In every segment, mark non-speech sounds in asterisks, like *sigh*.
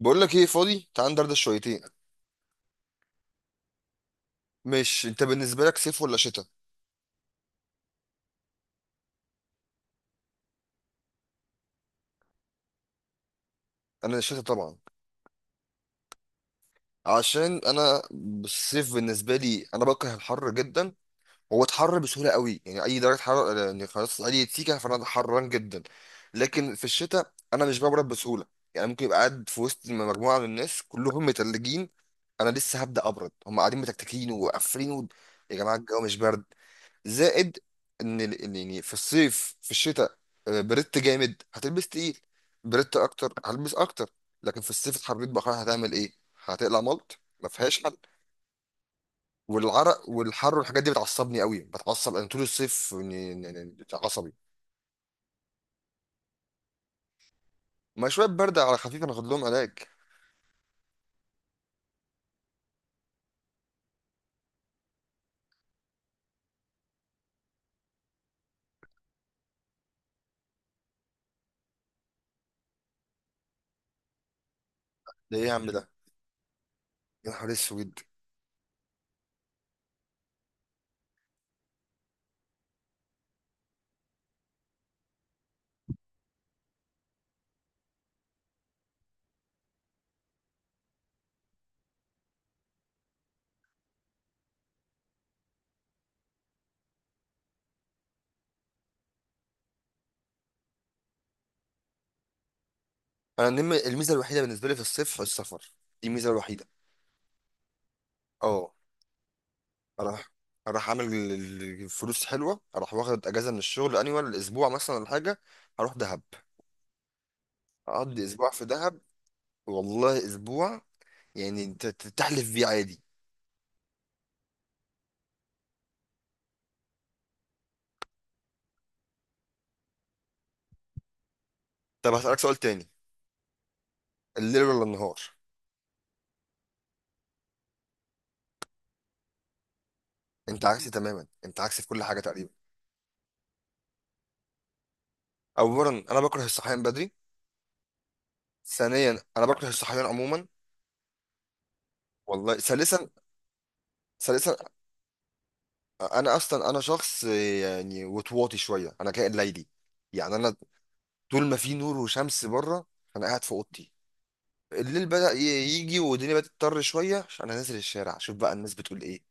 بقول لك ايه؟ فاضي؟ تعال ندردش شويتين. مش انت بالنسبه لك صيف ولا شتاء؟ انا شتاء طبعا. عشان انا الصيف بالنسبه لي، انا بكره الحر جدا. هو اتحر بسهوله قوي، يعني اي درجه حراره يعني خلاص اي سيكه فانا حران جدا. لكن في الشتاء انا مش ببرد بسهوله، يعني ممكن يبقى قاعد في وسط مجموعه من الناس كلهم متلجين، انا لسه هبدا ابرد، هم قاعدين متكتكين وقافلين يا جماعه الجو مش برد. زائد ان ال- إن يعني في الصيف في الشتاء، بردت جامد هتلبس تقيل، بردت اكتر هلبس اكتر. لكن في الصيف اتحررت بقى هتعمل ايه؟ هتقلع ملط ما فيهاش حل. والعرق والحر والحاجات دي بتعصبني قوي، بتعصب انا طول الصيف إني عصبي. ما شويه برد على خفيف انا اخد لهم علاج. ده ايه يا عم ده؟ يا نهار اسود. انا الميزه الوحيده بالنسبه لي في الصيف السفر. دي الميزه الوحيده. اه. اروح اروح اعمل فلوس حلوه، اروح واخد اجازه من الشغل انيوال اسبوع مثلا ولا حاجه، اروح دهب، اقضي اسبوع في دهب. والله اسبوع، يعني انت تحلف بيه عادي. طب هسألك سؤال تاني، الليل ولا النهار؟ انت عكسي تماما، انت عكسي في كل حاجه تقريبا. اولا انا بكره الصحيان بدري، ثانيا انا بكره الصحيان عموما. والله ثالثا. ثالثا انا اصلا انا شخص يعني وطواطي شويه، انا كائن ليلي. يعني انا طول ما في نور وشمس بره انا قاعد في اوضتي. الليل يجي والدنيا بدأت تضطر شوية عشان أنا نازل الشارع أشوف بقى الناس بتقول إيه.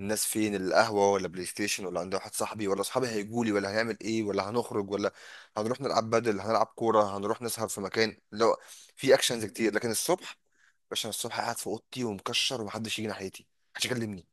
الناس فين؟ القهوة ولا بلاي ستيشن ولا عند واحد صاحبي ولا صحابي هيجولي ولا هنعمل إيه ولا هنخرج ولا هنروح نلعب بدل هنلعب كورة، هنروح نسهر في مكان لو في أكشنز كتير. لكن الصبح، باشا أنا الصبح قاعد في أوضتي ومكشر ومحدش يجي ناحيتي، محدش يكلمني.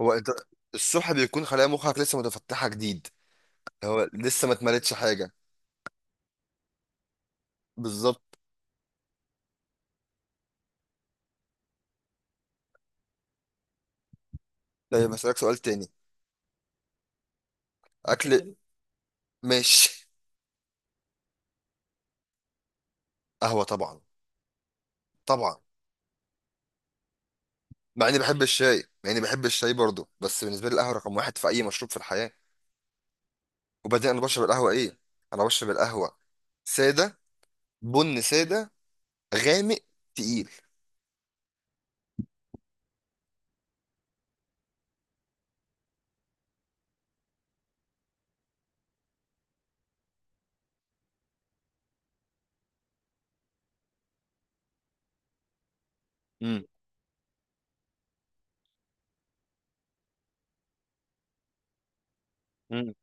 هو أنت الصبح بيكون خلايا مخك لسه متفتحة جديد، هو لسه ما اتملتش حاجة. بالظبط. طيب هسألك سؤال تاني، أكل. ماشي. قهوة طبعا. طبعا مع اني بحب الشاي، مع اني بحب الشاي برضه، بس بالنسبه لي القهوه رقم واحد في اي مشروب في الحياه. وبعدين انا بشرب القهوه ايه؟ انا بشرب القهوه ساده، بن ساده، غامق، تقيل. امم. امم.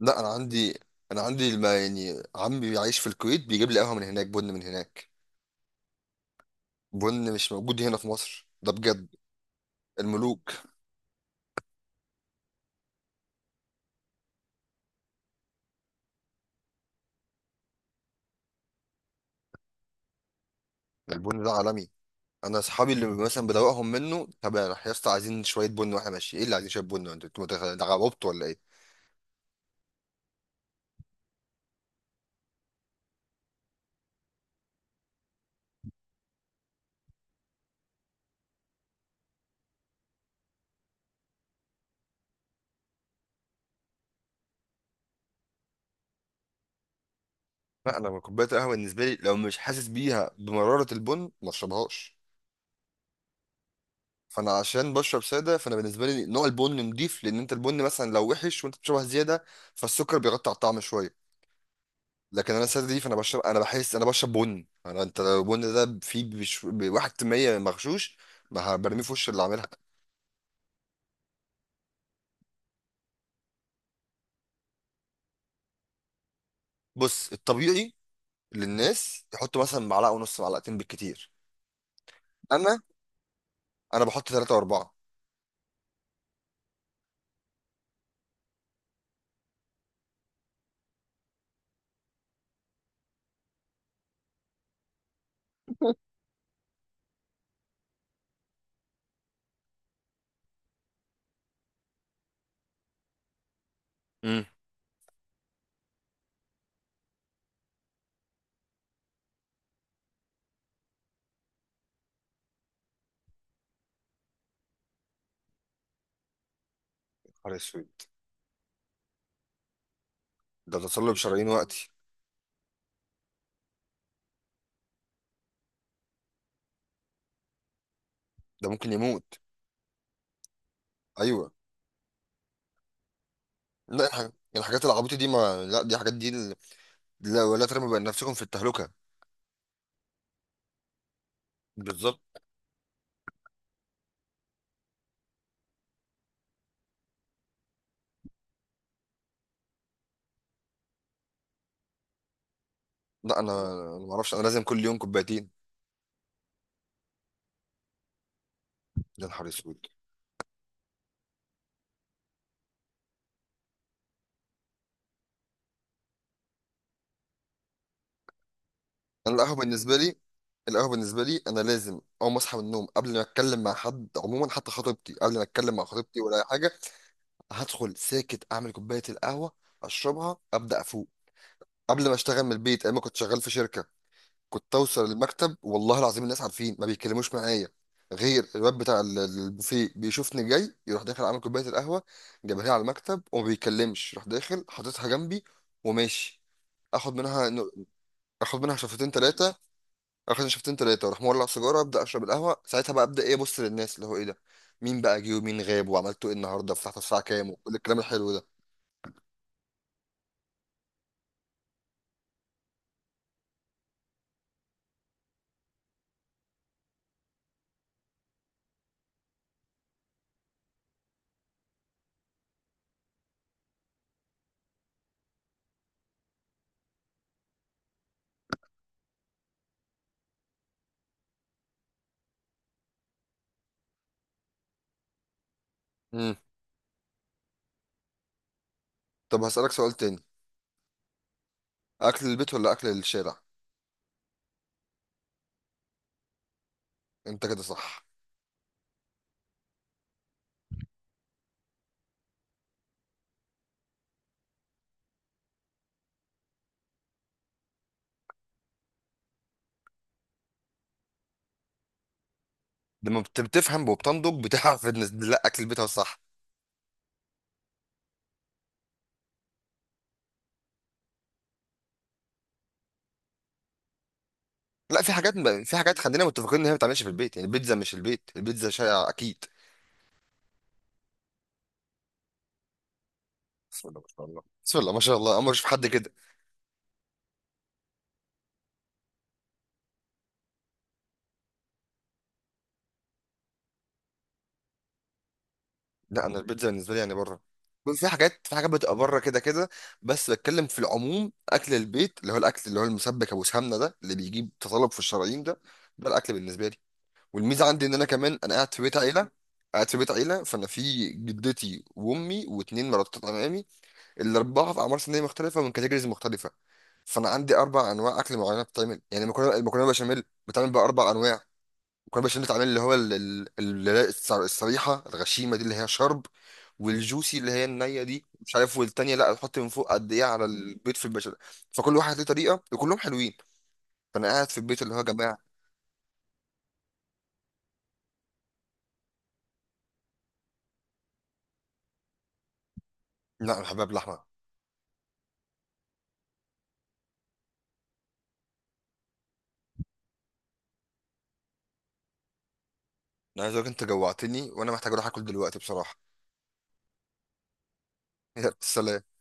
لا انا عندي، انا عندي الما، يعني عمي بيعيش في الكويت بيجيب لي قهوه من هناك، بن من هناك. بن مش موجود هنا في مصر ده بجد. الملوك. البن ده عالمي، انا اصحابي اللي مثلا بدوقهم منه، طب يا يا اسطى عايزين شويه بن واحنا ماشيين، ايه اللي عايزين شويه بن؟ انتوا انتوا غبطتوا ولا ايه؟ لا انا كوبايه القهوه بالنسبه لي لو مش حاسس بيها بمراره البن ما اشربهاش. فانا عشان بشرب ساده، فانا بالنسبه لي نوع البن نضيف، لان انت البن مثلا لو وحش وانت بتشربها زياده فالسكر بيغطي على الطعم شويه. لكن انا ساده دي فانا بشرب، انا بحس انا بشرب بن، انا انت لو البن ده فيه بواحد في المية مغشوش ما برميه في وش اللي عاملها. بص الطبيعي للناس يحطوا مثلا معلقه ونص، معلقتين بالكتير. انا بحط ثلاثه واربعه. امم. نهار اسود. ده تصلب شرايين وقتي. ده ممكن يموت. ايوه. لا، الحاجات الحاجات العبيطة دي ما، لا دي حاجات دي لا ولا ترموا بين نفسكم في التهلكة. بالظبط. لا انا، ما اعرفش انا لازم كل يوم كوبايتين. يا نهار اسود. انا القهوة بالنسبة لي، القهوة بالنسبة لي انا لازم اول ما اصحى من النوم قبل ما اتكلم مع حد عموما، حتى خطيبتي، قبل ما اتكلم مع خطيبتي ولا اي حاجة هدخل ساكت اعمل كوباية القهوة اشربها ابدا افوق. قبل ما اشتغل من البيت ايام ما كنت شغال في شركة كنت اوصل المكتب والله العظيم الناس عارفين ما بيتكلموش معايا، غير الواد بتاع البوفيه بيشوفني جاي يروح داخل عامل كوبايه القهوه جايبها لي على المكتب وما بيتكلمش، راح داخل حاططها جنبي وماشي. اخد منها اخد منها شفتين ثلاثه، اخد شفتين ثلاثه واروح مولع سيجاره ابدا اشرب القهوه ساعتها، بقى ابدا ايه، ابص للناس اللي هو ايه ده، مين بقى جه ومين غاب وعملته ايه النهارده، فتحت الساعه كام، وكل الكلام الحلو ده. امم. طب هسالك سؤال تاني، اكل البيت ولا اكل الشارع؟ انت كده صح. لما بتفهم وبتنضج بتعرف ان، لا اكل البيت هو الصح. لا في حاجات، في حاجات خلينا متفقين ان هي ما بتتعملش في البيت، يعني البيتزا مش البيت، البيتزا شائعه اكيد. بسم الله ما شاء الله، بسم الله ما شاء الله، اول مره اشوف حد كده. لا انا البيتزا بالنسبه لي يعني بره، في حاجات، في حاجات بتبقى بره كده كده. بس بتكلم في العموم اكل البيت، اللي هو الاكل اللي هو المسبك ابو سمنه ده اللي بيجيب تطلب في الشرايين ده، ده الاكل بالنسبه لي. والميزه عندي ان انا كمان انا قاعد في بيت عيله، قاعد في بيت عيله، فانا في جدتي وامي واتنين مرات عمامي، الاربعه في اعمار سنيه مختلفه، من كاتيجوريز مختلفه. فانا عندي اربع انواع اكل معينه بتتعمل، يعني المكرونه، المكرونه بشاميل بتتعمل باربع انواع. المكرونه بشاميل بتتعمل اللي هو الصريحه الغشيمه دي اللي هي شرب، والجوسي اللي هي النيه دي مش عارف، والتانيه لا تحط من فوق قد ايه على البيض في البشاميل. فكل واحد ليه طريقه وكلهم حلوين، فانا قاعد في البيت اللي هو يا جماعه. لا انا حباب لحمه. انا عايز اقولك انت جوعتني وانا محتاج اروح اكل دلوقتي بصراحه. *laughs* يلا، سلام.